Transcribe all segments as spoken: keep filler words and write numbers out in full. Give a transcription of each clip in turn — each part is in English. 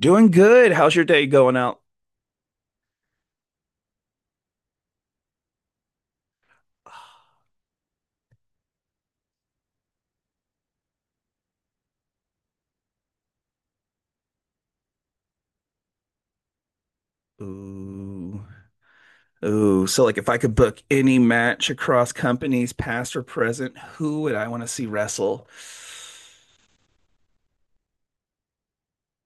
Doing good. How's your day going out? Ooh. Ooh. So like if I could book any match across companies, past or present, who would I want to see wrestle?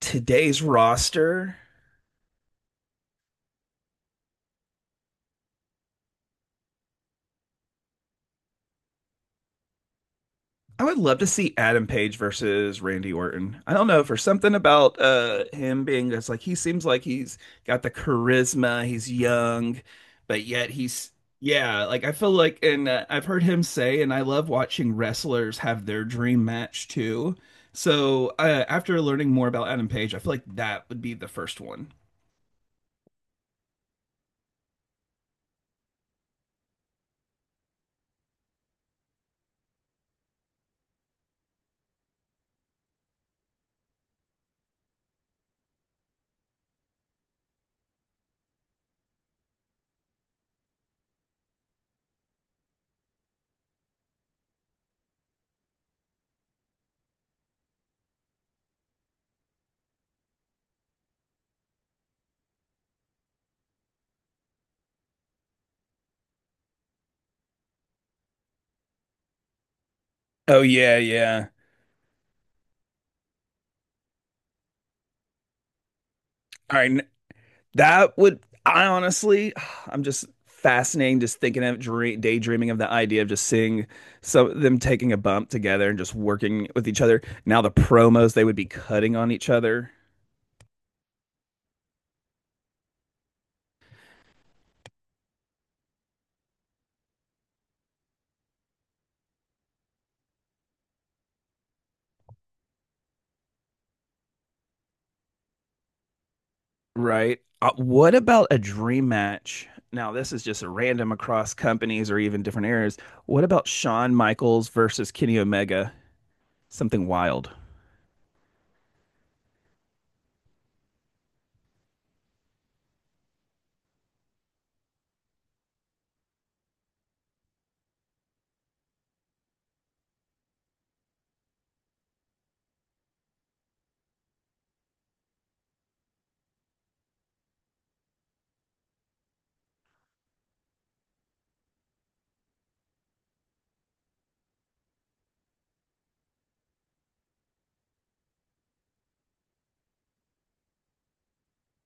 Today's roster. I would love to see Adam Page versus Randy Orton. I don't know, for something about uh him being just like he seems like he's got the charisma, he's young, but yet he's yeah, like I feel like and uh, I've heard him say, and I love watching wrestlers have their dream match too. So, uh, after learning more about Adam Page, I feel like that would be the first one. Oh yeah, yeah. All right, that would, I honestly, I'm just fascinating just thinking of dream, daydreaming of the idea of just seeing some them taking a bump together and just working with each other. Now the promos they would be cutting on each other, right? Uh, what about a dream match? Now this is just random across companies or even different areas. What about Shawn Michaels versus Kenny Omega? Something wild,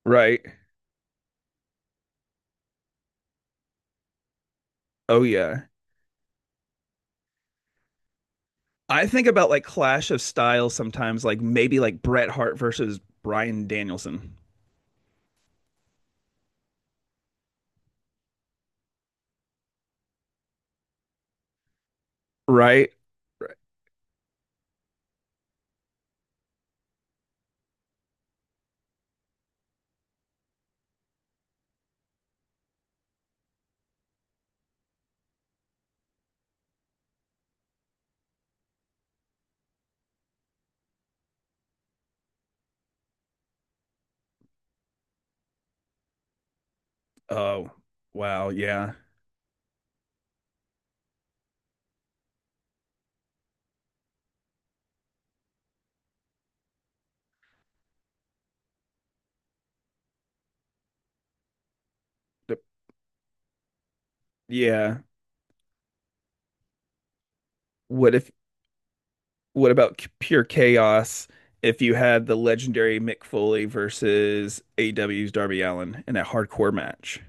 right? Oh yeah. I think about like clash of styles sometimes, like maybe like Bret Hart versus Bryan Danielson, right? Right. Oh, wow, yeah, D- yeah. What if? What about c- pure chaos? If you had the legendary Mick Foley versus A E W's Darby Allin in a hardcore match,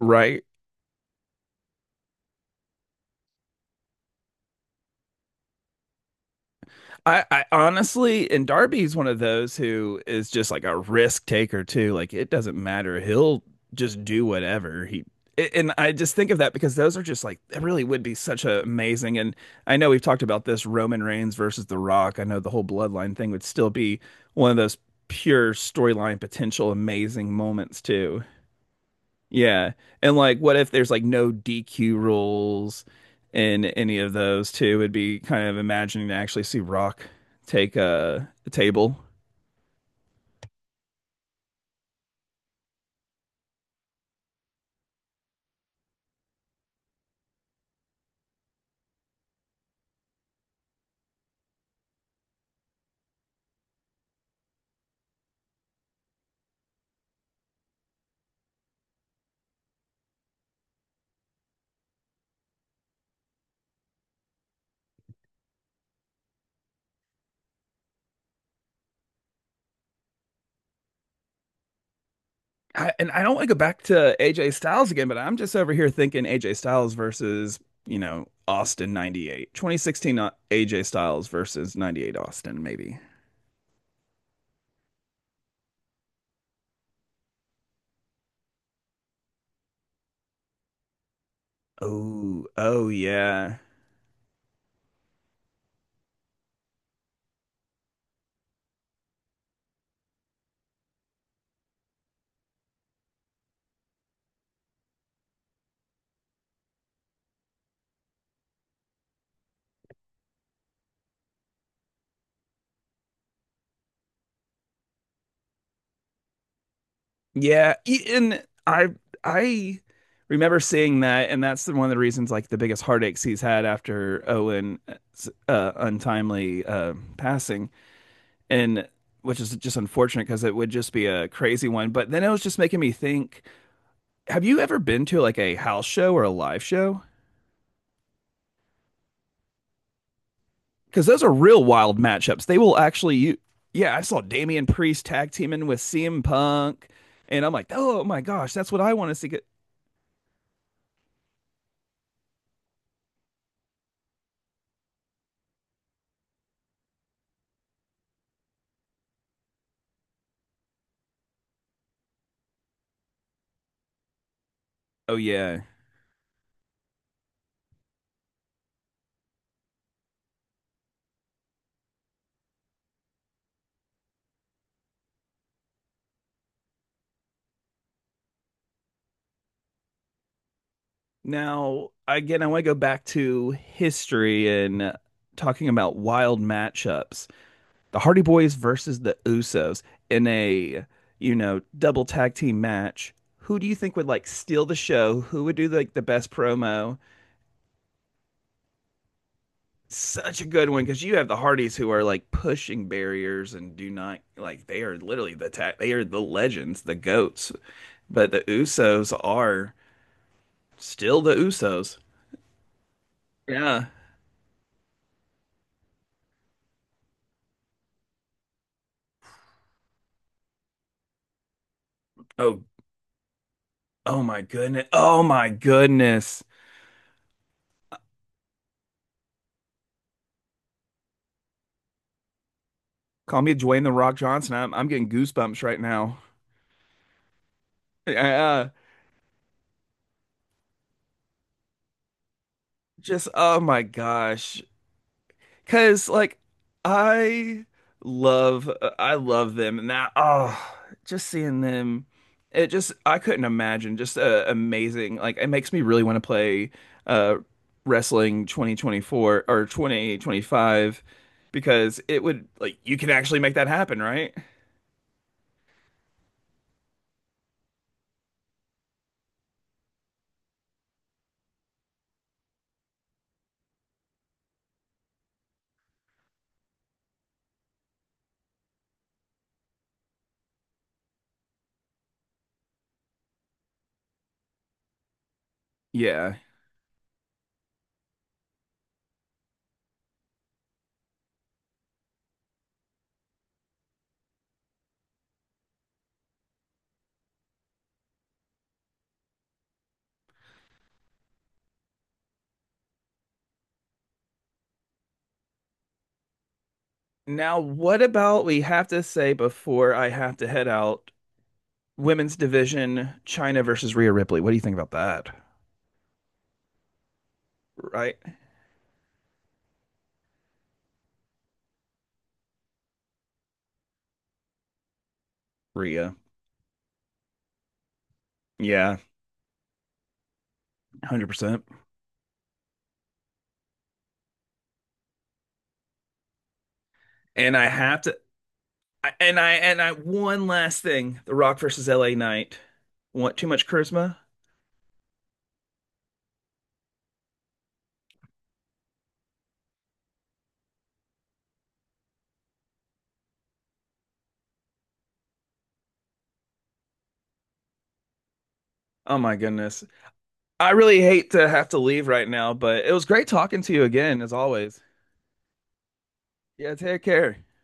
right? I, I honestly, and Darby's one of those who is just like a risk taker too. Like it doesn't matter. He'll just do whatever he. And I just think of that because those are just like it really would be such a amazing. And I know we've talked about this Roman Reigns versus The Rock. I know the whole bloodline thing would still be one of those pure storyline potential amazing moments too. Yeah. And like what if there's like no D Q rules in any of those too? It'd be kind of imagining to actually see Rock take a, a table. I, and I don't want to go back to A J Styles again, but I'm just over here thinking A J Styles versus, you know, Austin ninety-eight. twenty sixteen A J Styles versus ninety-eight Austin maybe. Oh, oh yeah. Yeah, e- and I I remember seeing that, and that's the- one of the reasons, like the biggest heartaches he's had after Owen's uh, untimely uh, passing, and which is just unfortunate because it would just be a crazy one. But then it was just making me think: have you ever been to like a house show or a live show? Because those are real wild matchups. They will actually, you, yeah, I saw Damian Priest tag teaming with C M Punk, and I'm like, oh my gosh, that's what I want to see. Get- oh yeah. Now, again, I want to go back to history and uh, talking about wild matchups. The Hardy Boys versus the Usos in a, you know, double tag team match. Who do you think would like steal the show? Who would do like the best promo? Such a good one because you have the Hardys who are like pushing barriers and do not like they are literally the ta- they are the legends, the goats. But the Usos are still the Usos. Yeah. Oh, oh my goodness. Oh my goodness. Call me Dwayne the Rock Johnson. I'm I'm getting goosebumps right now. Yeah. uh, Just oh my gosh. 'Cause like I love uh, I love them and that oh just seeing them it just I couldn't imagine just uh, amazing. Like it makes me really want to play uh wrestling twenty twenty-four or twenty twenty-five because it would like you can actually make that happen, right? Yeah. Now, what about we have to say before I have to head out, women's division, China versus Rhea Ripley. What do you think about that? Right? Rhea. Yeah, one hundred percent. And I have to I- and I and I one last thing, The Rock versus L A Knight. Want too much charisma? Oh my goodness. I really hate to have to leave right now, but it was great talking to you again, as always. Yeah, take care.